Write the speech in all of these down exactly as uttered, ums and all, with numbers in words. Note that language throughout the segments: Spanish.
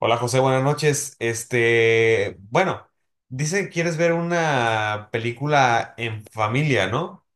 Hola José, buenas noches. Este, bueno, dice que quieres ver una película en familia, ¿no?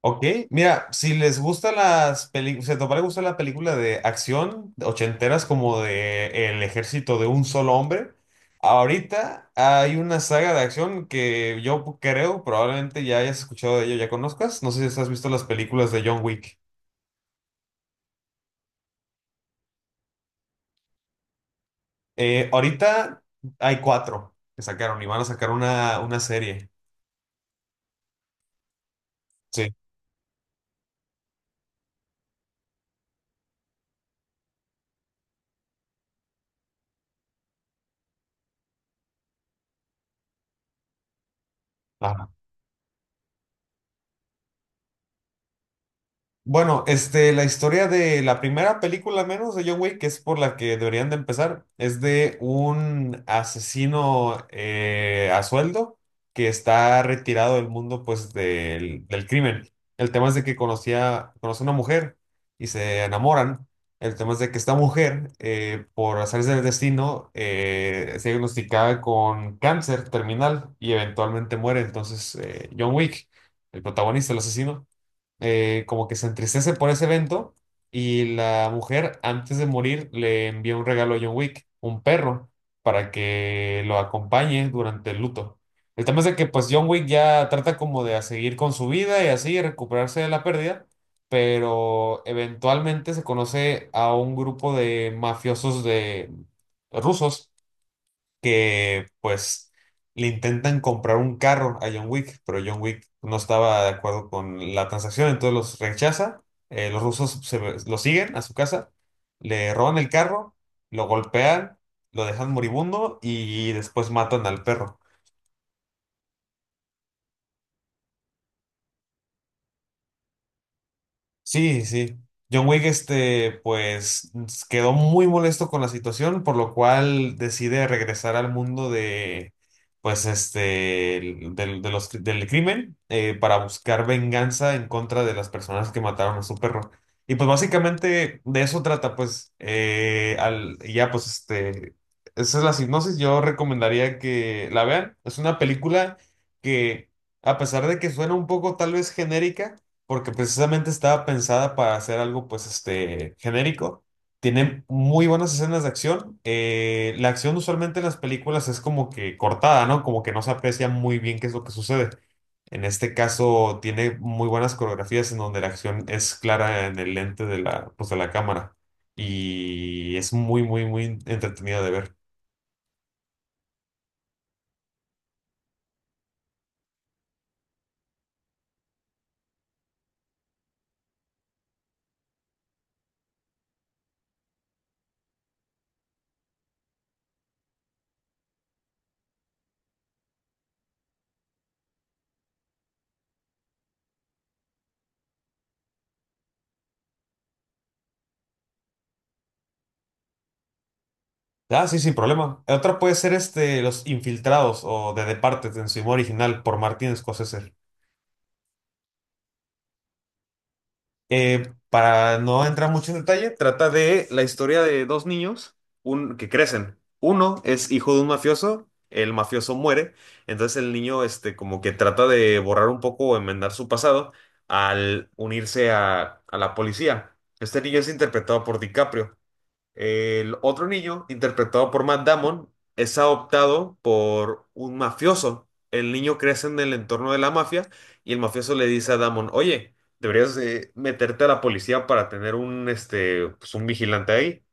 Ok, mira, si les gusta las películas, si a tu papá le gusta la película de acción de ochenteras como de El ejército de un solo hombre, ahorita hay una saga de acción que yo creo probablemente ya hayas escuchado de ello, ya conozcas. No sé si has visto las películas de John Wick. Eh, ahorita hay cuatro que sacaron y van a sacar una, una serie. Sí. Ajá. Bueno, este, la historia de la primera película, al menos de John Wick, que es por la que deberían de empezar, es de un asesino eh, a sueldo que está retirado del mundo, pues, del, del crimen. El tema es de que conocía, conoce a una mujer y se enamoran. El tema es de que esta mujer, eh, por azares del destino, eh, se diagnosticaba con cáncer terminal y eventualmente muere. Entonces, eh, John Wick, el protagonista, el asesino eh, como que se entristece por ese evento y la mujer antes de morir le envía un regalo a John Wick, un perro, para que lo acompañe durante el luto. El tema es de que pues John Wick ya trata como de a seguir con su vida y así recuperarse de la pérdida, pero eventualmente se conoce a un grupo de mafiosos de rusos que pues le intentan comprar un carro a John Wick, pero John Wick no estaba de acuerdo con la transacción, entonces los rechaza, eh, los rusos se ve- lo siguen a su casa, le roban el carro, lo golpean, lo dejan moribundo y después matan al perro. Sí, sí. John Wick, este, pues s- quedó muy molesto con la situación, por lo cual decide regresar al mundo de, pues, este, el- del, de los, cri- del crimen, eh, para buscar venganza en contra de las personas que mataron a su perro. Y pues básicamente de eso trata, pues, eh, al, y ya, pues, este, esa es la sinopsis. Yo recomendaría que la vean. Es una película que, a pesar de que suena un poco tal vez genérica, porque precisamente estaba pensada para hacer algo pues este genérico. Tiene muy buenas escenas de acción. Eh, la acción usualmente en las películas es como que cortada, ¿no? Como que no se aprecia muy bien qué es lo que sucede. En este caso tiene muy buenas coreografías en donde la acción es clara en el lente de la, pues, de la cámara y es muy, muy, muy entretenida de ver. Ah, sí, sin problema. Otra puede ser este, Los Infiltrados o The Departed en su idioma original por Martin Scorsese. Eh, para no entrar mucho en detalle, trata de la historia de dos niños un- que crecen. Uno es hijo de un mafioso, el mafioso muere, entonces el niño este, como que trata de borrar un poco o enmendar su pasado al unirse a, a la policía. Este niño es interpretado por DiCaprio. El otro niño, interpretado por Matt Damon, es adoptado por un mafioso. El niño crece en el entorno de la mafia y el mafioso le dice a Damon, oye, deberías eh, meterte a la policía para tener un, este, pues, un vigilante ahí.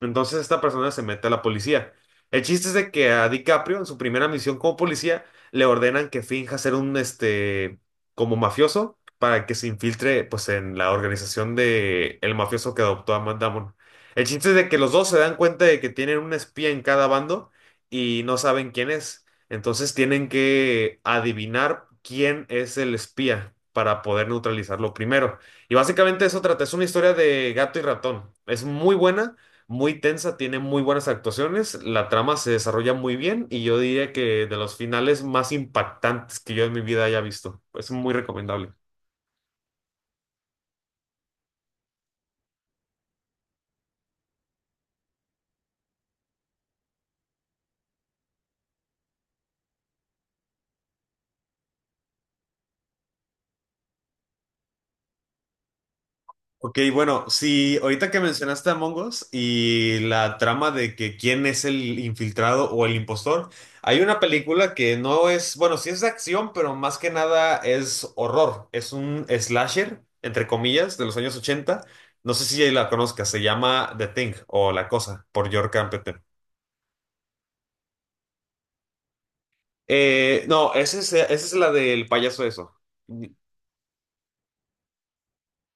Entonces esta persona se mete a la policía. El chiste es de que a DiCaprio, en su primera misión como policía, le ordenan que finja ser un, este, como mafioso para que se infiltre, pues, en la organización de el mafioso que adoptó a Matt Damon. El chiste es de que los dos se dan cuenta de que tienen un espía en cada bando y no saben quién es. Entonces tienen que adivinar quién es el espía para poder neutralizarlo primero. Y básicamente eso trata, es una historia de gato y ratón. Es muy buena muy tensa, tiene muy buenas actuaciones, la trama se desarrolla muy bien y yo diría que de los finales más impactantes que yo en mi vida haya visto. Es muy recomendable. Ok, bueno, si ahorita que mencionaste a Mongos y la trama de que quién es el infiltrado o el impostor, hay una película que no es, bueno, sí es de acción, pero más que nada es horror. Es un slasher, entre comillas, de los años ochenta. No sé si la conozcas, se llama The Thing o La Cosa, por York Carpenter. Eh, no, esa es, esa es la del payaso eso.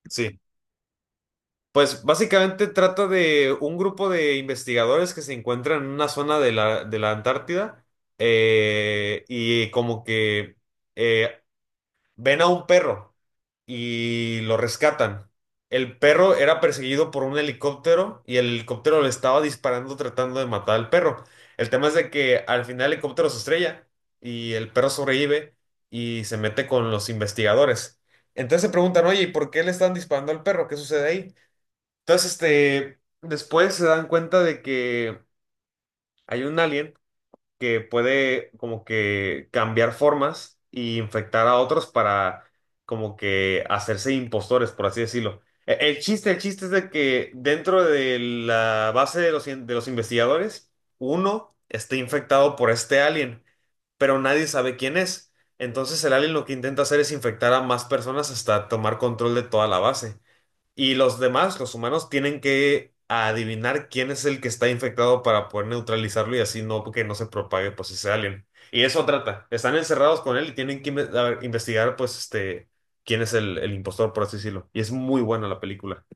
Sí. Pues básicamente trata de un grupo de investigadores que se encuentran en una zona de la, de la Antártida eh, y como que eh, ven a un perro y lo rescatan. El perro era perseguido por un helicóptero y el helicóptero le estaba disparando tratando de matar al perro. El tema es de que al final el helicóptero se estrella y el perro sobrevive y se mete con los investigadores. Entonces se preguntan, oye, ¿y por qué le están disparando al perro? ¿Qué sucede ahí? Entonces, este, después se dan cuenta de que hay un alien que puede como que cambiar formas y infectar a otros para como que hacerse impostores, por así decirlo. E- El chiste, el chiste es de que dentro de la base de los, in- de los investigadores, uno esté infectado por este alien, pero nadie sabe quién es. Entonces el alien lo que intenta hacer es infectar a más personas hasta tomar control de toda la base. Y los demás, los humanos, tienen que adivinar quién es el que está infectado para poder neutralizarlo y así no que no se propague pues ese alien. Y eso trata. Están encerrados con él y tienen que inve- a ver, investigar pues este quién es el, el impostor, por así decirlo. Y es muy buena la película.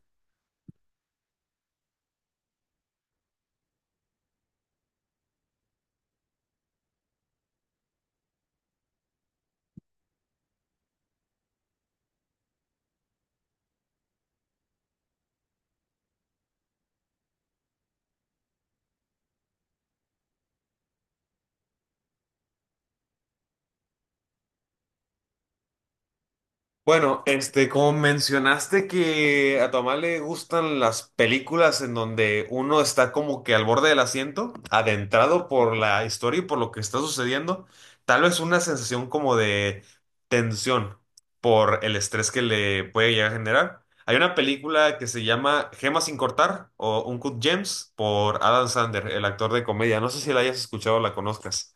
Bueno, este, como mencionaste que a tu mamá le gustan las películas en donde uno está como que al borde del asiento, adentrado por la historia y por lo que está sucediendo, tal vez una sensación como de tensión por el estrés que le puede llegar a generar. Hay una película que se llama Gemas sin cortar o Uncut Gems por Adam Sandler, el actor de comedia. No sé si la hayas escuchado o la conozcas.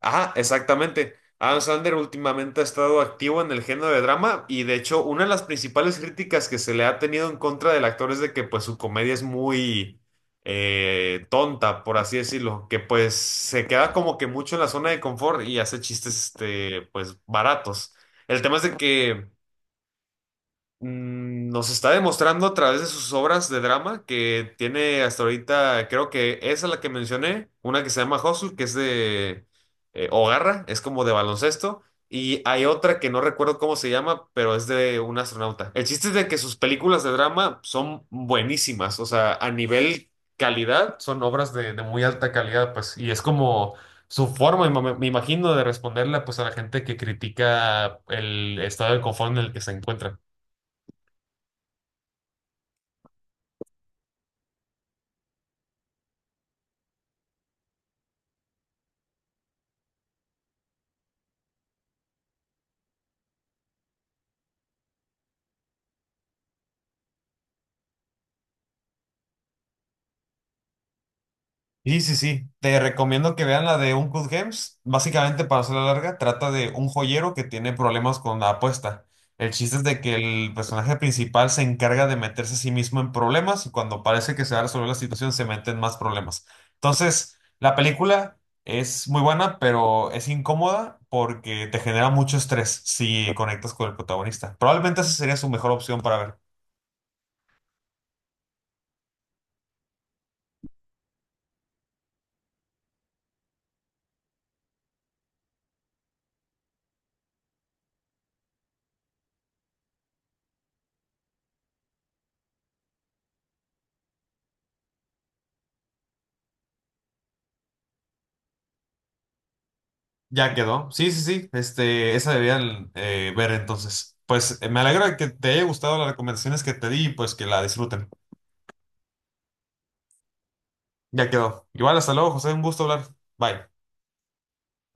Ah, exactamente. Adam Sandler últimamente ha estado activo en el género de drama y de hecho una de las principales críticas que se le ha tenido en contra del actor es de que pues su comedia es muy eh, tonta, por así decirlo, que pues se queda como que mucho en la zona de confort y hace chistes este pues baratos. El tema es de que Mm, nos está demostrando a través de sus obras de drama que tiene hasta ahorita, creo que esa es la que mencioné, una que se llama Hustle, que es de eh, o Garra, es como de baloncesto, y hay otra que no recuerdo cómo se llama, pero es de un astronauta. El chiste es de que sus películas de drama son buenísimas, o sea, a nivel calidad, son obras de, de muy alta calidad, pues, y es como su forma, me me imagino, de responderle pues a la gente que critica el estado de confort en el que se encuentra. Sí, sí, sí. Te recomiendo que vean la de Uncut Gems. Básicamente, para hacerla larga, trata de un joyero que tiene problemas con la apuesta. El chiste es de que el personaje principal se encarga de meterse a sí mismo en problemas y cuando parece que se va a resolver la situación se mete en más problemas. Entonces, la película es muy buena, pero es incómoda porque te genera mucho estrés si conectas con el protagonista. Probablemente esa sería su mejor opción para ver. Ya quedó. Sí, sí, sí. Este, esa debían eh, ver entonces. Pues eh, me alegra que te haya gustado las recomendaciones que te di y pues que la disfruten. Ya quedó. Igual, hasta luego, José. Un gusto hablar. Bye.